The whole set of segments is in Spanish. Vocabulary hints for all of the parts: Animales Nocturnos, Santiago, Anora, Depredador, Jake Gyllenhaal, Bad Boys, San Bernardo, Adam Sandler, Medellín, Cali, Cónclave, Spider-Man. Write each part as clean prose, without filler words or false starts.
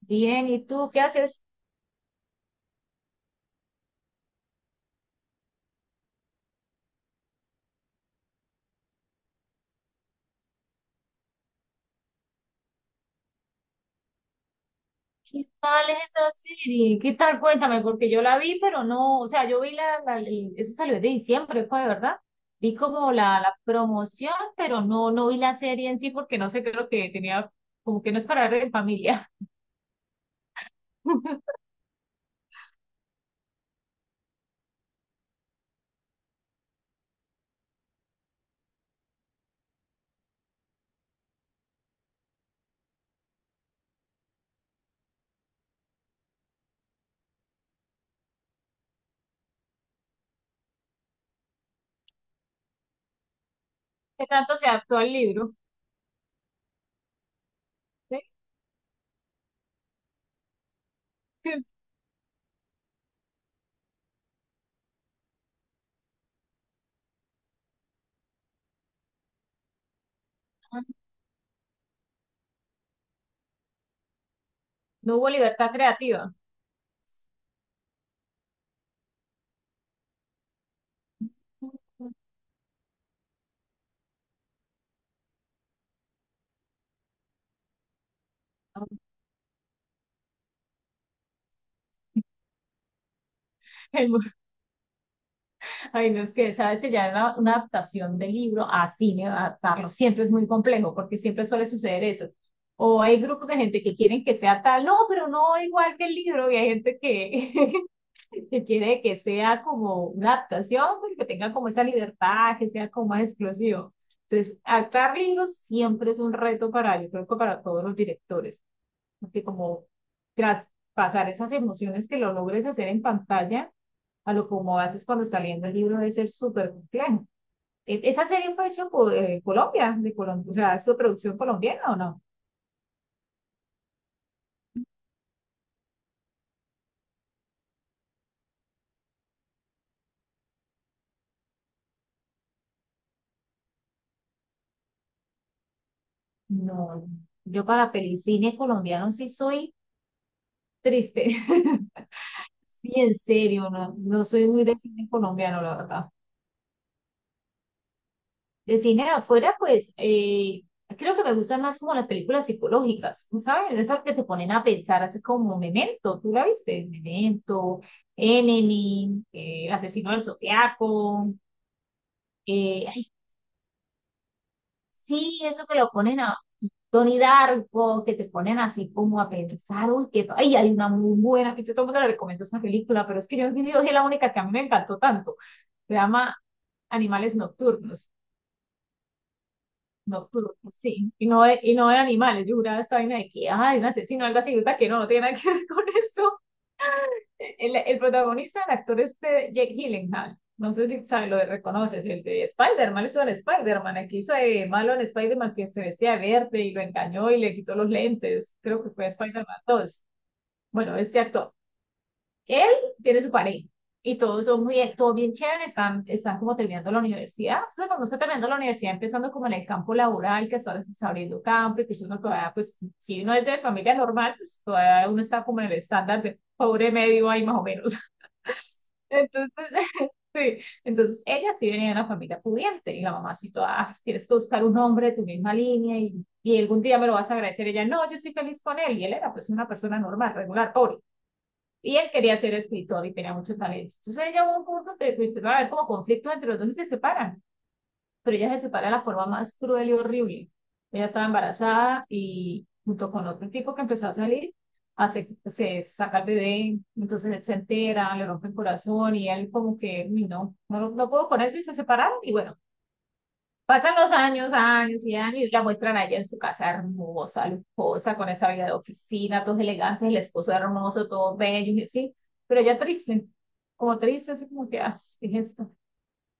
Bien, ¿y tú qué haces? ¿Qué tal es esa serie? ¿Qué tal? Cuéntame, porque yo la vi, pero no, o sea, yo vi eso salió de diciembre, fue, ¿verdad? Vi como la promoción, pero no vi la serie en sí porque no sé, creo que tenía, como que no es para ver en familia. ¿Qué tanto se adaptó al libro? ¿Sí? No hubo libertad creativa. Ay, no, es que sabes que una adaptación del libro a cine, adaptarlo siempre es muy complejo porque siempre suele suceder eso. O hay grupos de gente que quieren que sea tal, no, pero no igual que el libro, y hay gente que, que quiere que sea como una adaptación, pero que tenga como esa libertad, que sea como más explosivo. Entonces, adaptar libros siempre es un reto para, yo creo que para todos los directores porque como traspasar esas emociones que lo logres hacer en pantalla a lo como haces cuando está leyendo el libro debe ser súper complejo. ¿Esa serie fue hecha por Colombia, de Colombia, o sea, ¿es su producción colombiana o no? No, yo para pelicine colombiano sí soy triste. Sí, en serio, no, no soy muy de cine colombiano, la verdad. De cine de afuera, pues creo que me gustan más como las películas psicológicas, ¿no ¿sabes? Esas que te ponen a pensar, así como Memento, ¿tú la viste? Memento, Enemy, Asesino del Zodiaco, ay, sí, eso que lo ponen a Tony Darko, que te ponen así como a pensar, uy, que, ay, hay una muy buena, que yo todo el mundo le recomiendo esa película, pero es que yo es la única que a mí me encantó tanto, se llama Animales Nocturnos. Nocturno, sí. Y no de animales. Yo juraba esa vaina de que, ay, un asesino, algo así. Resulta que no, no tiene nada que ver con eso. El protagonista, el actor este, Jake Gyllenhaal. No sé si sabes, lo reconoces, el de Spider-Man, eso era Spider-Man, el que hizo de malo en Spider-Man que se decía verde y lo engañó y le quitó los lentes. Creo que fue Spider-Man 2. Bueno, ese actor. Él tiene su pareja y todos son muy, todo bien chévere, están, están como terminando la universidad. Entonces, cuando está terminando la universidad, empezando como en el campo laboral, que ahora se está abriendo campo y que uno todavía, pues, si uno es de familia normal, pues todavía uno está como en el estándar de pobre medio ahí más o menos. Entonces, sí. Entonces, ella sí venía de una familia pudiente y la mamá sí toda, "Ah, tienes que buscar un hombre de tu misma línea y algún día me lo vas a agradecer. Ella, no, yo estoy feliz con él y él era pues una persona normal, regular, pobre. Y él quería ser escritor y tenía mucho talento. Entonces ella hubo un punto que empezaron a haber como conflictos entre los dos y se separan. Pero ella se separa de la forma más cruel y horrible. Ella estaba embarazada y junto con otro tipo que empezó a salir, hace, se saca el bebé, entonces él se entera, le rompe el corazón y él como que, no, no, no puedo con eso y se separaron. Y bueno, pasan los años, años y años, y la muestran allá en su casa hermosa, lujosa, con esa vida de oficina, todos elegantes, el esposo hermoso, todos bellos, y así, pero ella triste, como triste, así como que, ah, ¿qué es esto?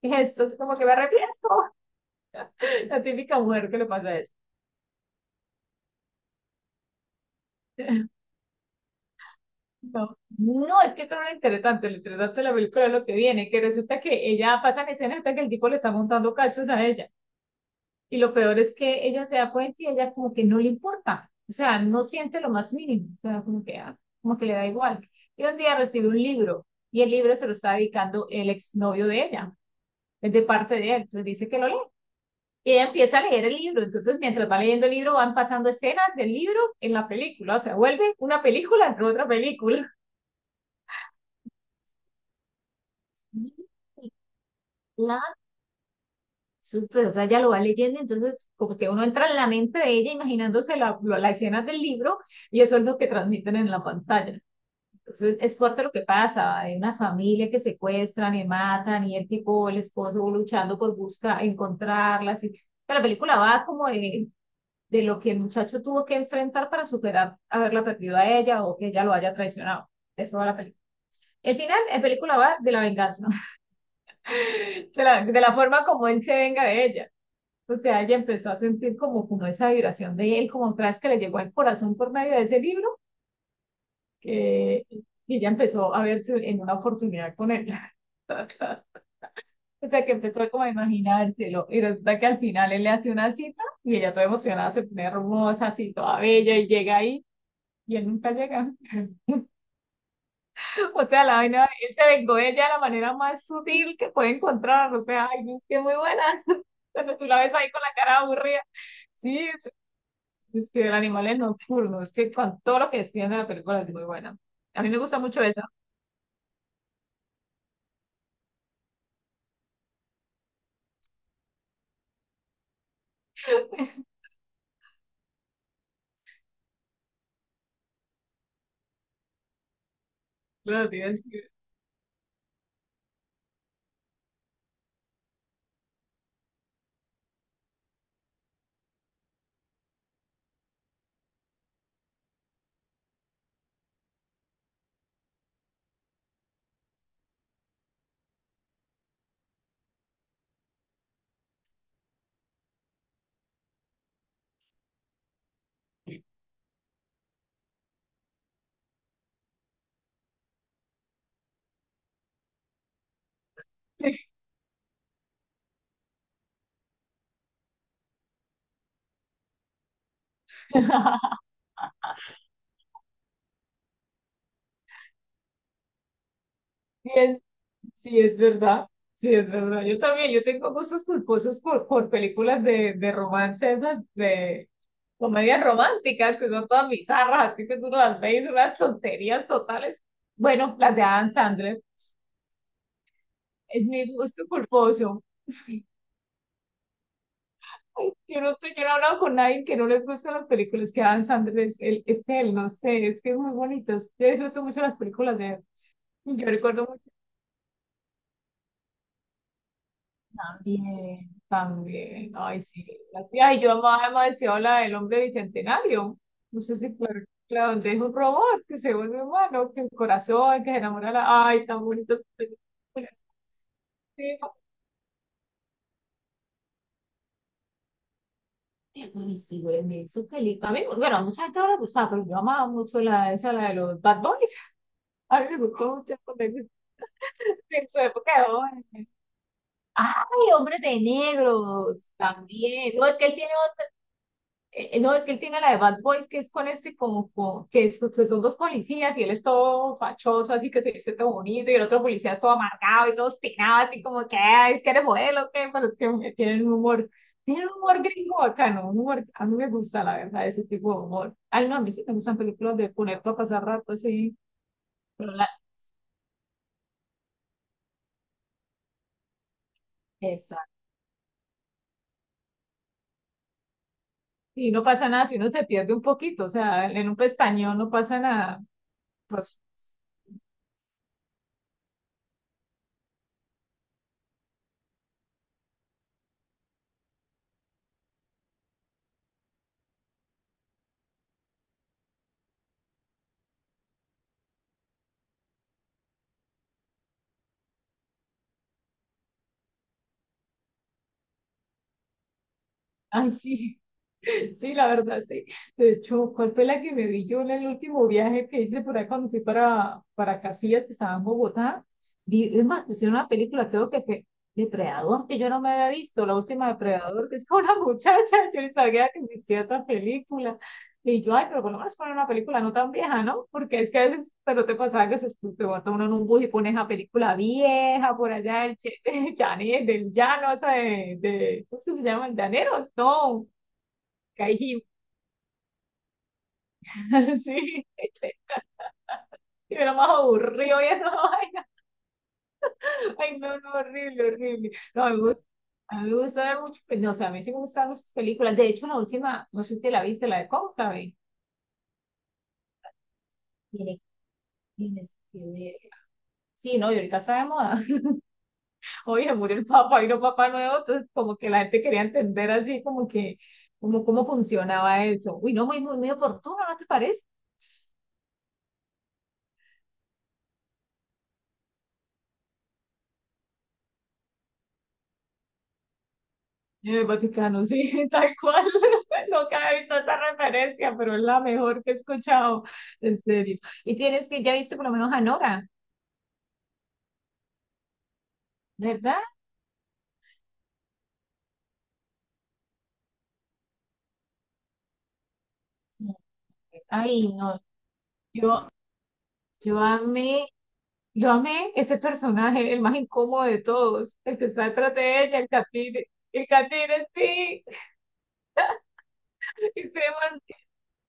¿Qué es esto? Así como que me arrepiento, la típica mujer que le pasa eso. No, no, es que esto no le interesa tanto, le interesa tanto la película es lo que viene, que resulta que ella pasa en escena hasta que el tipo le está montando cachos a ella. Y lo peor es que ella se da cuenta y ella como que no le importa, o sea, no siente lo más mínimo, o sea, como que, ah, como que le da igual. Y un día recibe un libro y el libro se lo está dedicando el exnovio de ella, es de parte de él, entonces dice que lo lee. Y ella empieza a leer el libro, entonces mientras va leyendo el libro van pasando escenas del libro en la película, o sea, vuelve una película en otra película. Súper, o sea, ella lo va leyendo, entonces como que uno entra en la mente de ella imaginándose la escena del libro y eso es lo que transmiten en la pantalla. Entonces es fuerte lo que pasa, hay una familia que secuestran y matan y el tipo, el esposo luchando por buscar, encontrarlas. Pero la película va como de lo que el muchacho tuvo que enfrentar para superar haberla perdido a ella o que ella lo haya traicionado. De eso va la película. El final, la película va de la venganza, de la forma como él se venga de ella. O sea, ella empezó a sentir como, como esa vibración de él, como otra vez que le llegó al corazón por medio de ese libro, que, y ella empezó a verse en una oportunidad con él. O sea, que empezó como a imaginárselo, y resulta que al final él le hace una cita, y ella toda emocionada se pone hermosa, así toda bella, y llega ahí, y él nunca llega. O sea, la vaina, él se vengó de ella de la manera más sutil que puede encontrar, o sea, ay, es que muy buena. Cuando tú la ves ahí con la cara aburrida. Sí, es que el animal es nocturno, es que con todo lo que describen de la película es muy buena. A mí me gusta mucho esa. Claro, sí, sí, es verdad. Sí, es verdad. Yo también, yo tengo gustos culposos por películas de romance, esas de comedias románticas, que son todas bizarras, así que tú no las ves, y son unas tonterías totales. Bueno, las de Adam Sandler, es mi gusto culposo. Yo no, sé, yo no he hablado con nadie que no les gustan las películas que Adam Sandler es él, no sé, es que es muy bonito. Yo disfruto mucho las películas de él. Yo recuerdo mucho también, también. Ay, sí. La tía, y yo amaba demasiado la del hombre bicentenario. No sé si fue la donde es un robot que se vuelve humano, que el corazón, que se enamora. La... Ay, tan bonito. Sí, sí, güey, su película. A mí, bueno, a mucha gente no le gustaba, pero yo amaba mucho esa, la de los Bad Boys. A mí me gustó mucho en su época de oro. Ay, hombres de negros, también. No, es que él tiene otra, no, es que él tiene la de Bad Boys, que es con este como, que que son dos policías y él es todo fachoso, así que se viste todo bonito, y el otro policía es todo amargado y todo obstinado, así como que, "Ay, es que eres modelo, que, pero es que tienen un humor, tiene un humor gringo bacano, un humor, a mí me gusta, la verdad, ese tipo de humor. Ay, no, a mí sí me gustan películas de poner para pasar rato, así. Pero la, y no pasa nada si uno se pierde un poquito, o sea, en un pestañeo no pasa nada. Pues, ay, sí. Sí, la verdad, sí. De hecho, ¿cuál fue la que me vi yo en el último viaje que hice por ahí cuando fui para Casillas, que estaba en Bogotá? Vi, es más, pusieron una película, creo que fue Depredador, que yo no me había visto, la última Depredador, que es con una muchacha, yo ni sabía que existía esta película. Y yo, ay, pero por lo menos poner una película no tan vieja, ¿no? Porque es que a veces pero te pasaba que se, te bota uno en un bus y pones la película vieja por allá, Che- Chani, el del llano, esa ¿cómo es que se llama? El llanero, no. Sí, y era más aburrido y esa vaina. Ay, no, no, horrible, horrible. No, a mí me gusta, a mí me gusta ver muchas películas, o sea, a mí sí me gustan muchas películas. De hecho, la última, no sé si te la viste, la de Cónclave. Tiene- Tienes que ver. Sí, no, y ahorita está de moda. Oye, murió el Papa, vino Papa Nuevo, entonces como que la gente quería entender así como que, como cómo funcionaba eso. Uy, no, muy, muy, muy oportuno, ¿no te parece? En el Vaticano, sí, tal cual. Nunca había visto esa referencia, pero es la mejor que he escuchado, en serio. Y tienes que, ya viste por lo menos a Nora, ¿verdad? Ay, no, yo, yo amé, yo amé ese personaje, el más incómodo de todos, el que está detrás de ella, el catire, sí. Ese,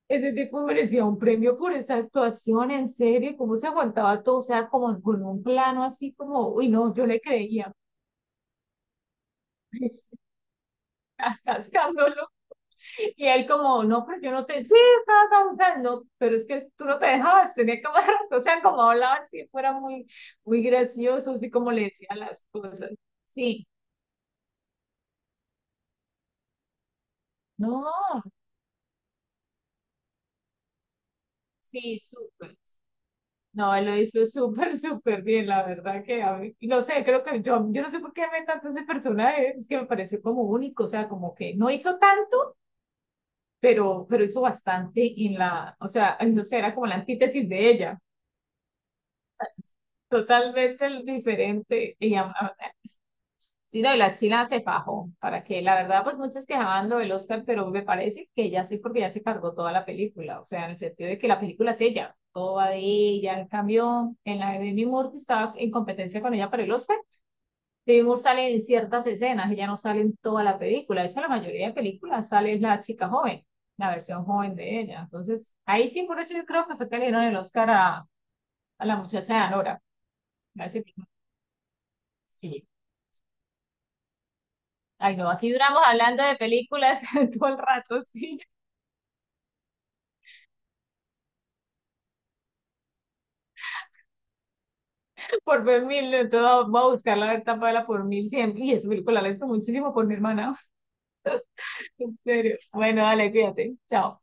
ese tipo merecía un premio por esa actuación, en serio, cómo se aguantaba todo, o sea, como con un plano así como, uy, no, yo le creía. Estás y él como, no, pero yo no te, sí, estaba cantando, pero es que tú no te dejabas, tenía que hablar, o sea, como hablaban, que fuera muy, muy gracioso, así como le decía las cosas. Sí, no, sí, súper. No, él lo hizo súper, súper bien, la verdad que a mí, y no sé, creo que yo no sé por qué me encantó ese personaje, es que me pareció como único, o sea, como que no hizo tanto, pero hizo bastante en la, o sea, ay, no sé, era como la antítesis de ella, totalmente diferente, sí, no, y la China se fajó, para que la verdad, pues muchos quejaban lo del Oscar, pero me parece que ya sí, porque ya se cargó toda la película, o sea, en el sentido de que la película es ella, todo va de ella, en cambio, en la de Demi Moore, que estaba en competencia con ella para el Oscar, Demi Moore sale en ciertas escenas, ella no sale en toda la película, de hecho, la mayoría de películas sale la chica joven, la versión joven de ella, entonces, ahí sí, por eso yo creo que fue que le dieron el Oscar a la muchacha de Anora, a ese- sí. Ay, no, aquí duramos hablando de películas todo el rato, sí, por ver mil, entonces voy a buscar la verdad por mil siempre. Y esa película la he visto muchísimo por mi hermana, en serio. Bueno, dale, fíjate, chao.